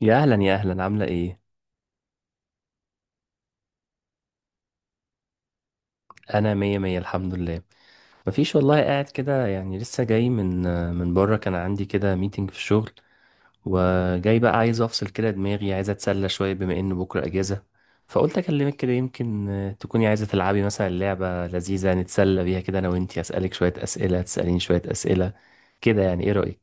يا اهلا يا اهلا، عامله ايه؟ انا مية مية الحمد لله. مفيش والله، قاعد كده يعني لسه جاي من بره. كان عندي كده ميتنج في الشغل، وجاي بقى عايز افصل كده دماغي، عايز اتسلى شويه بما ان بكره اجازه. فقلت اكلمك كده، يمكن تكوني عايزه تلعبي مثلا لعبه لذيذه نتسلى بيها كده، انا وانتي اسالك شويه اسئله تساليني شويه اسئله كده. يعني ايه رايك؟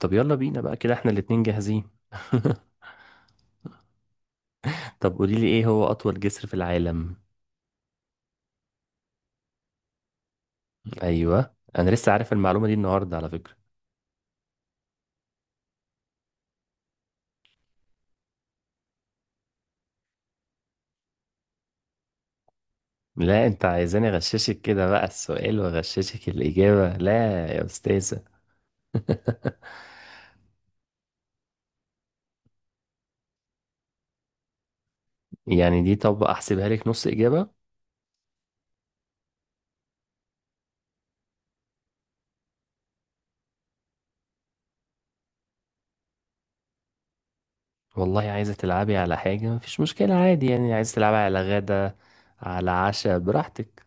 طب يلا بينا بقى، كده احنا الاتنين جاهزين. طب قوليلي، ايه هو اطول جسر في العالم؟ ايوه انا لسه عارف المعلومه دي النهارده على فكره. لا انت عايزاني اغششك كده بقى؟ السؤال واغششك الاجابه؟ لا يا استاذه. يعني دي، طب احسبها لك نص اجابه. والله عايزه تلعبي على حاجه مفيش مشكله عادي، يعني عايزه تلعبي على غدا، على عشاء، براحتك.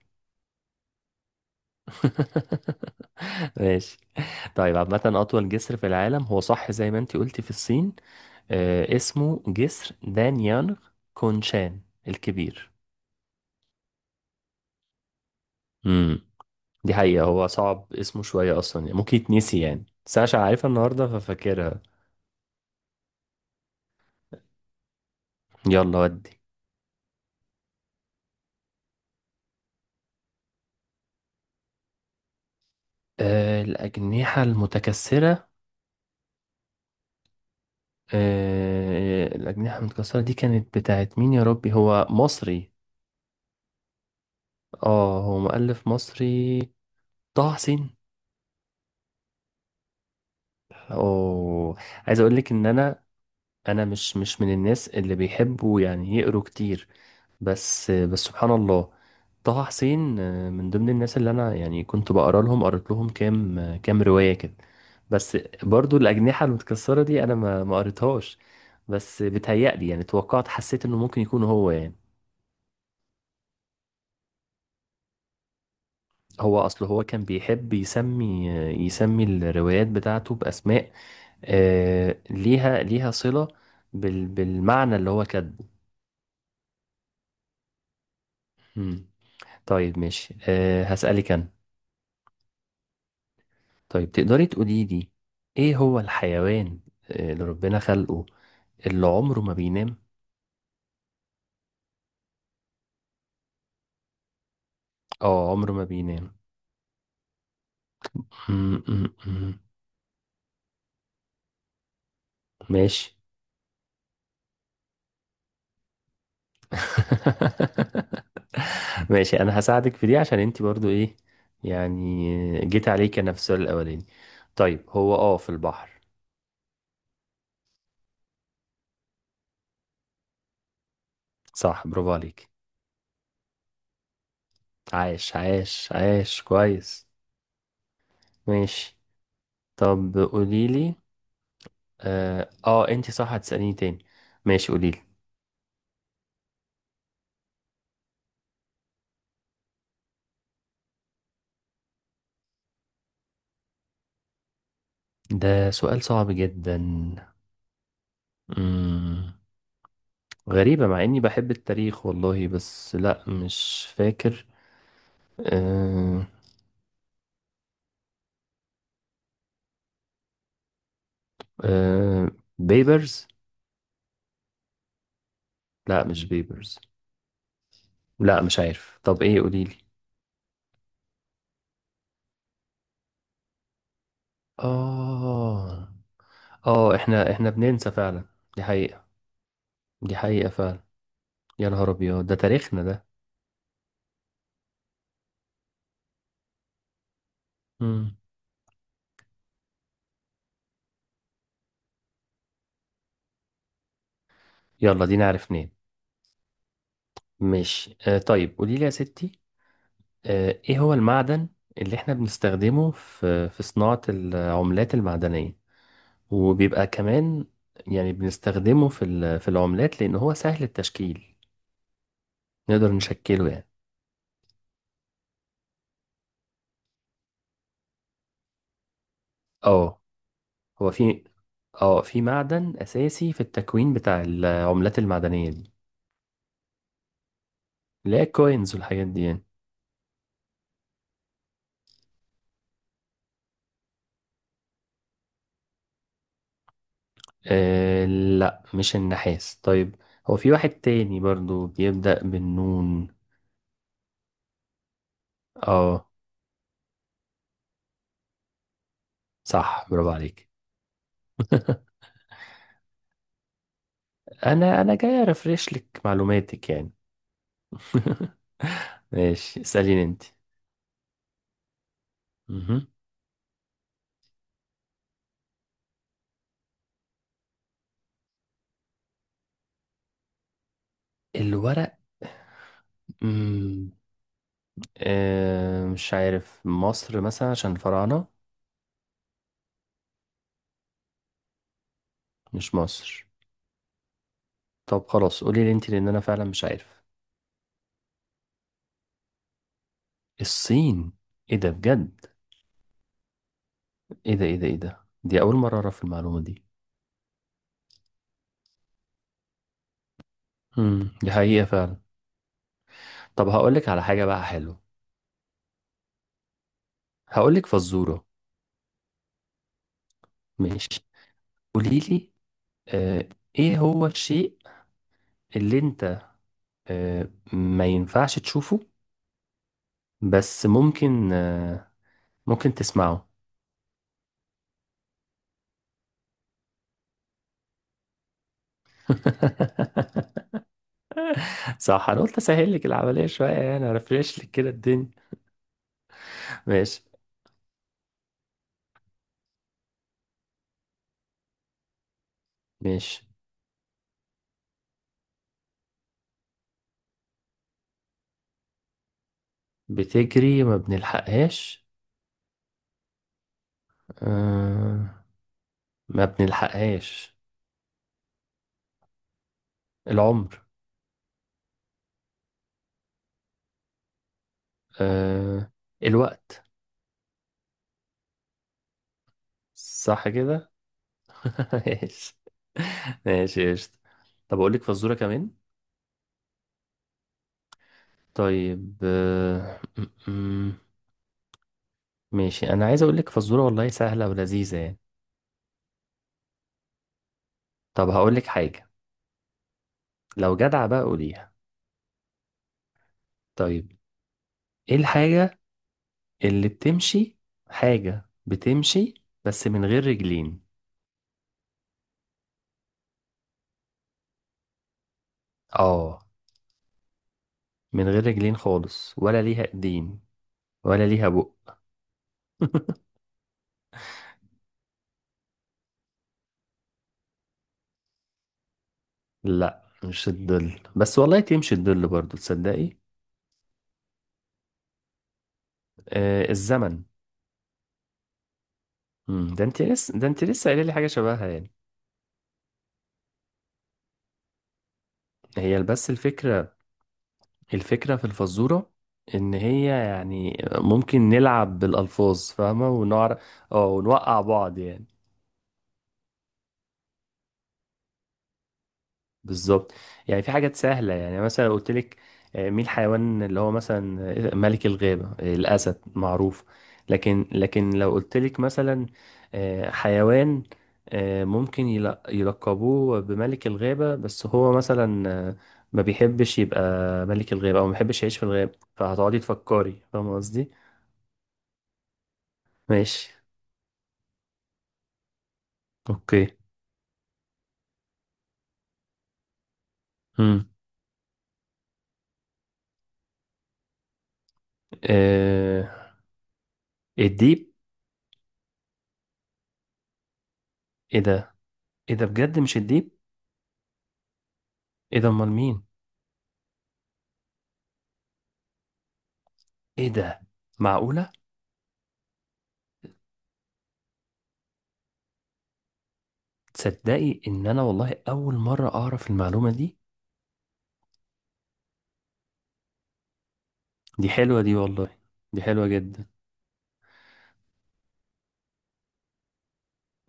ماشي. طيب عامه، اطول جسر في العالم هو صح زي ما انت قلتي في الصين. آه اسمه جسر دانيانغ كونشان الكبير. مم. دي حقيقة، هو صعب اسمه شوية أصلا يعني، ممكن يتنسي يعني، بس أنا عشان عارفها النهاردة ففاكرها. يلا ودي. آه الأجنحة المتكسرة. آه الأجنحة المتكسرة دي كانت بتاعت مين يا ربي؟ هو مصري. اه هو مؤلف مصري، طه حسين. أوه، عايز أقولك إن أنا، أنا مش من الناس اللي بيحبوا يعني يقروا كتير. بس سبحان الله، طه حسين من ضمن الناس اللي انا يعني كنت بقرا لهم، قريت لهم كام كام روايه كده. بس برضو الاجنحه المتكسره دي انا ما قريتهاش، بس بتهيألي يعني توقعت، حسيت انه ممكن يكون هو يعني. هو اصل هو كان بيحب يسمي يسمي الروايات بتاعته باسماء ليها صله بالمعنى اللي هو كاتبه. مم. طيب ماشي، هسألك انا. طيب تقدري تقولي لي، ايه هو الحيوان اللي ربنا خلقه اللي عمره ما بينام؟ اه عمره ما بينام. م. ماشي. ماشي، انا هساعدك في دي عشان انت برضو ايه، يعني جيت عليك انا في السؤال الاولاني. طيب هو اه في البحر. صح، برافو عليك. عاش عاش عاش، كويس. ماشي. طب قوليلي. اه, آه انت صح هتسأليني تاني. ماشي قوليلي. ده سؤال صعب جدا. مم. غريبة مع إني بحب التاريخ والله، بس لأ مش فاكر. أه. أه بيبرز. لأ مش بيبرز. لأ مش عارف، طب إيه قوليلي. آه. آه إحنا بننسى فعلا، دي حقيقة، دي حقيقة فعلا. يا نهار أبيض، ده تاريخنا ده. مم. يلا دي نعرف منين. ماشي أه، طيب قوليلي يا ستي، ايه هو المعدن اللي احنا بنستخدمه في صناعة العملات المعدنية؟ وبيبقى كمان يعني بنستخدمه في في العملات لان هو سهل التشكيل، نقدر نشكله يعني. اه هو في، اه في معدن اساسي في التكوين بتاع العملات المعدنية دي، اللي هي الكوينز والحاجات دي يعني. آه لا مش النحاس. طيب هو في واحد تاني برضو بيبدأ بالنون. اه صح، برافو عليك. انا جاي ارفرش لك معلوماتك يعني. ماشي اساليني انت. مهم. الورق. مم. آه مش عارف، مصر مثلا عشان الفراعنة. مش مصر؟ طب خلاص قولي لي انت لان انا فعلا مش عارف. الصين. ايه ده بجد؟ ايه ده، ايه ده، ايه ده، دي اول مرة اعرف المعلومة دي. دي حقيقة فعلا. طب هقول لك على حاجة بقى حلوة، هقول لك فزورة. ماشي، قولي لي آه، ايه هو الشيء اللي انت آه، ما ينفعش تشوفه بس ممكن ممكن تسمعه؟ صح، انا قلت اسهل لك العمليه شويه يعني ارفرش لك كده الدنيا. ماشي ماشي. بتجري ما بنلحقهاش. آه، ما بنلحقهاش. العمر. آه، الوقت. صح كده. ماشي، ماشي قشطة. طب اقول لك فزوره كمان. طيب ماشي، انا عايز اقول لك فزوره والله سهله ولذيذه يعني. طب هقولك حاجة، لو جدع بقى قوليها. طيب ايه الحاجة اللي بتمشي، حاجة بتمشي بس من غير رجلين؟ اه من غير رجلين خالص، ولا ليها ايدين ولا ليها بق. لا مش الظل، بس والله تمشي الظل برضو تصدقي. آه الزمن. مم، ده انت لسه قايله لي حاجة شبهها يعني. هي بس الفكرة، الفكرة في الفزورة ان هي يعني ممكن نلعب بالالفاظ، فاهمة؟ ونعرف، اه ونوقع بعض يعني. بالظبط. يعني في حاجات سهلة، يعني مثلا قلت لك مين الحيوان اللي هو مثلا ملك الغابة؟ الأسد معروف. لكن لو قلت لك مثلا حيوان ممكن يلقبوه بملك الغابة بس هو مثلا آه، ما بيحبش يبقى ملك الغابة أو ما بيحبش يعيش في الغابة، فهتقعدي تفكري، فاهمة قصدي؟ ماشي، اوكي. امم آه، الديب. ايه ده؟ ايه ده بجد، مش الديب؟ ايه ده امال مين؟ ايه ده؟ معقولة؟ تصدقي ان انا والله اول مره اعرف المعلومه دي. دي حلوه دي والله، دي حلوه جدا.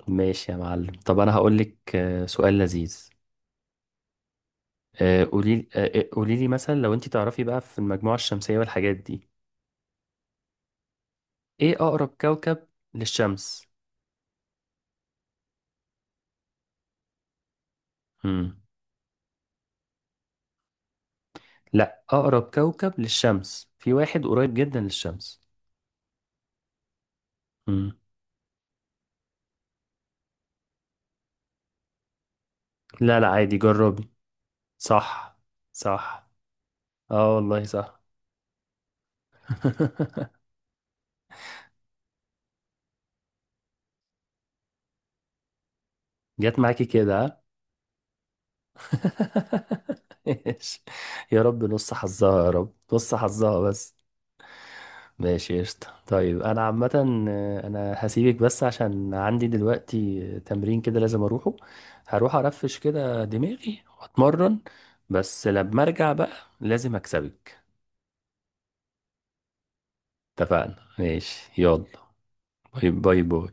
ماشي يا معلم. طب انا هقول لك سؤال لذيذ. قولي قولي لي مثلا، لو انت تعرفي بقى في المجموعه الشمسيه والحاجات دي، ايه اقرب كوكب للشمس؟ امم. لا اقرب كوكب للشمس، في واحد قريب جدا للشمس. امم. لا لا عادي، جربي. صح. صح. اه والله صح. جت معاكي كده. ماشي، يا رب نص حظها، يا رب نص حظها بس. ماشي قشطة. طيب أنا عامة أنا هسيبك بس عشان عندي دلوقتي تمرين كده لازم أروحه. هروح أرفش كده دماغي وأتمرن، بس لما أرجع بقى لازم أكسبك. اتفقنا، ماشي يلا. باي باي باي.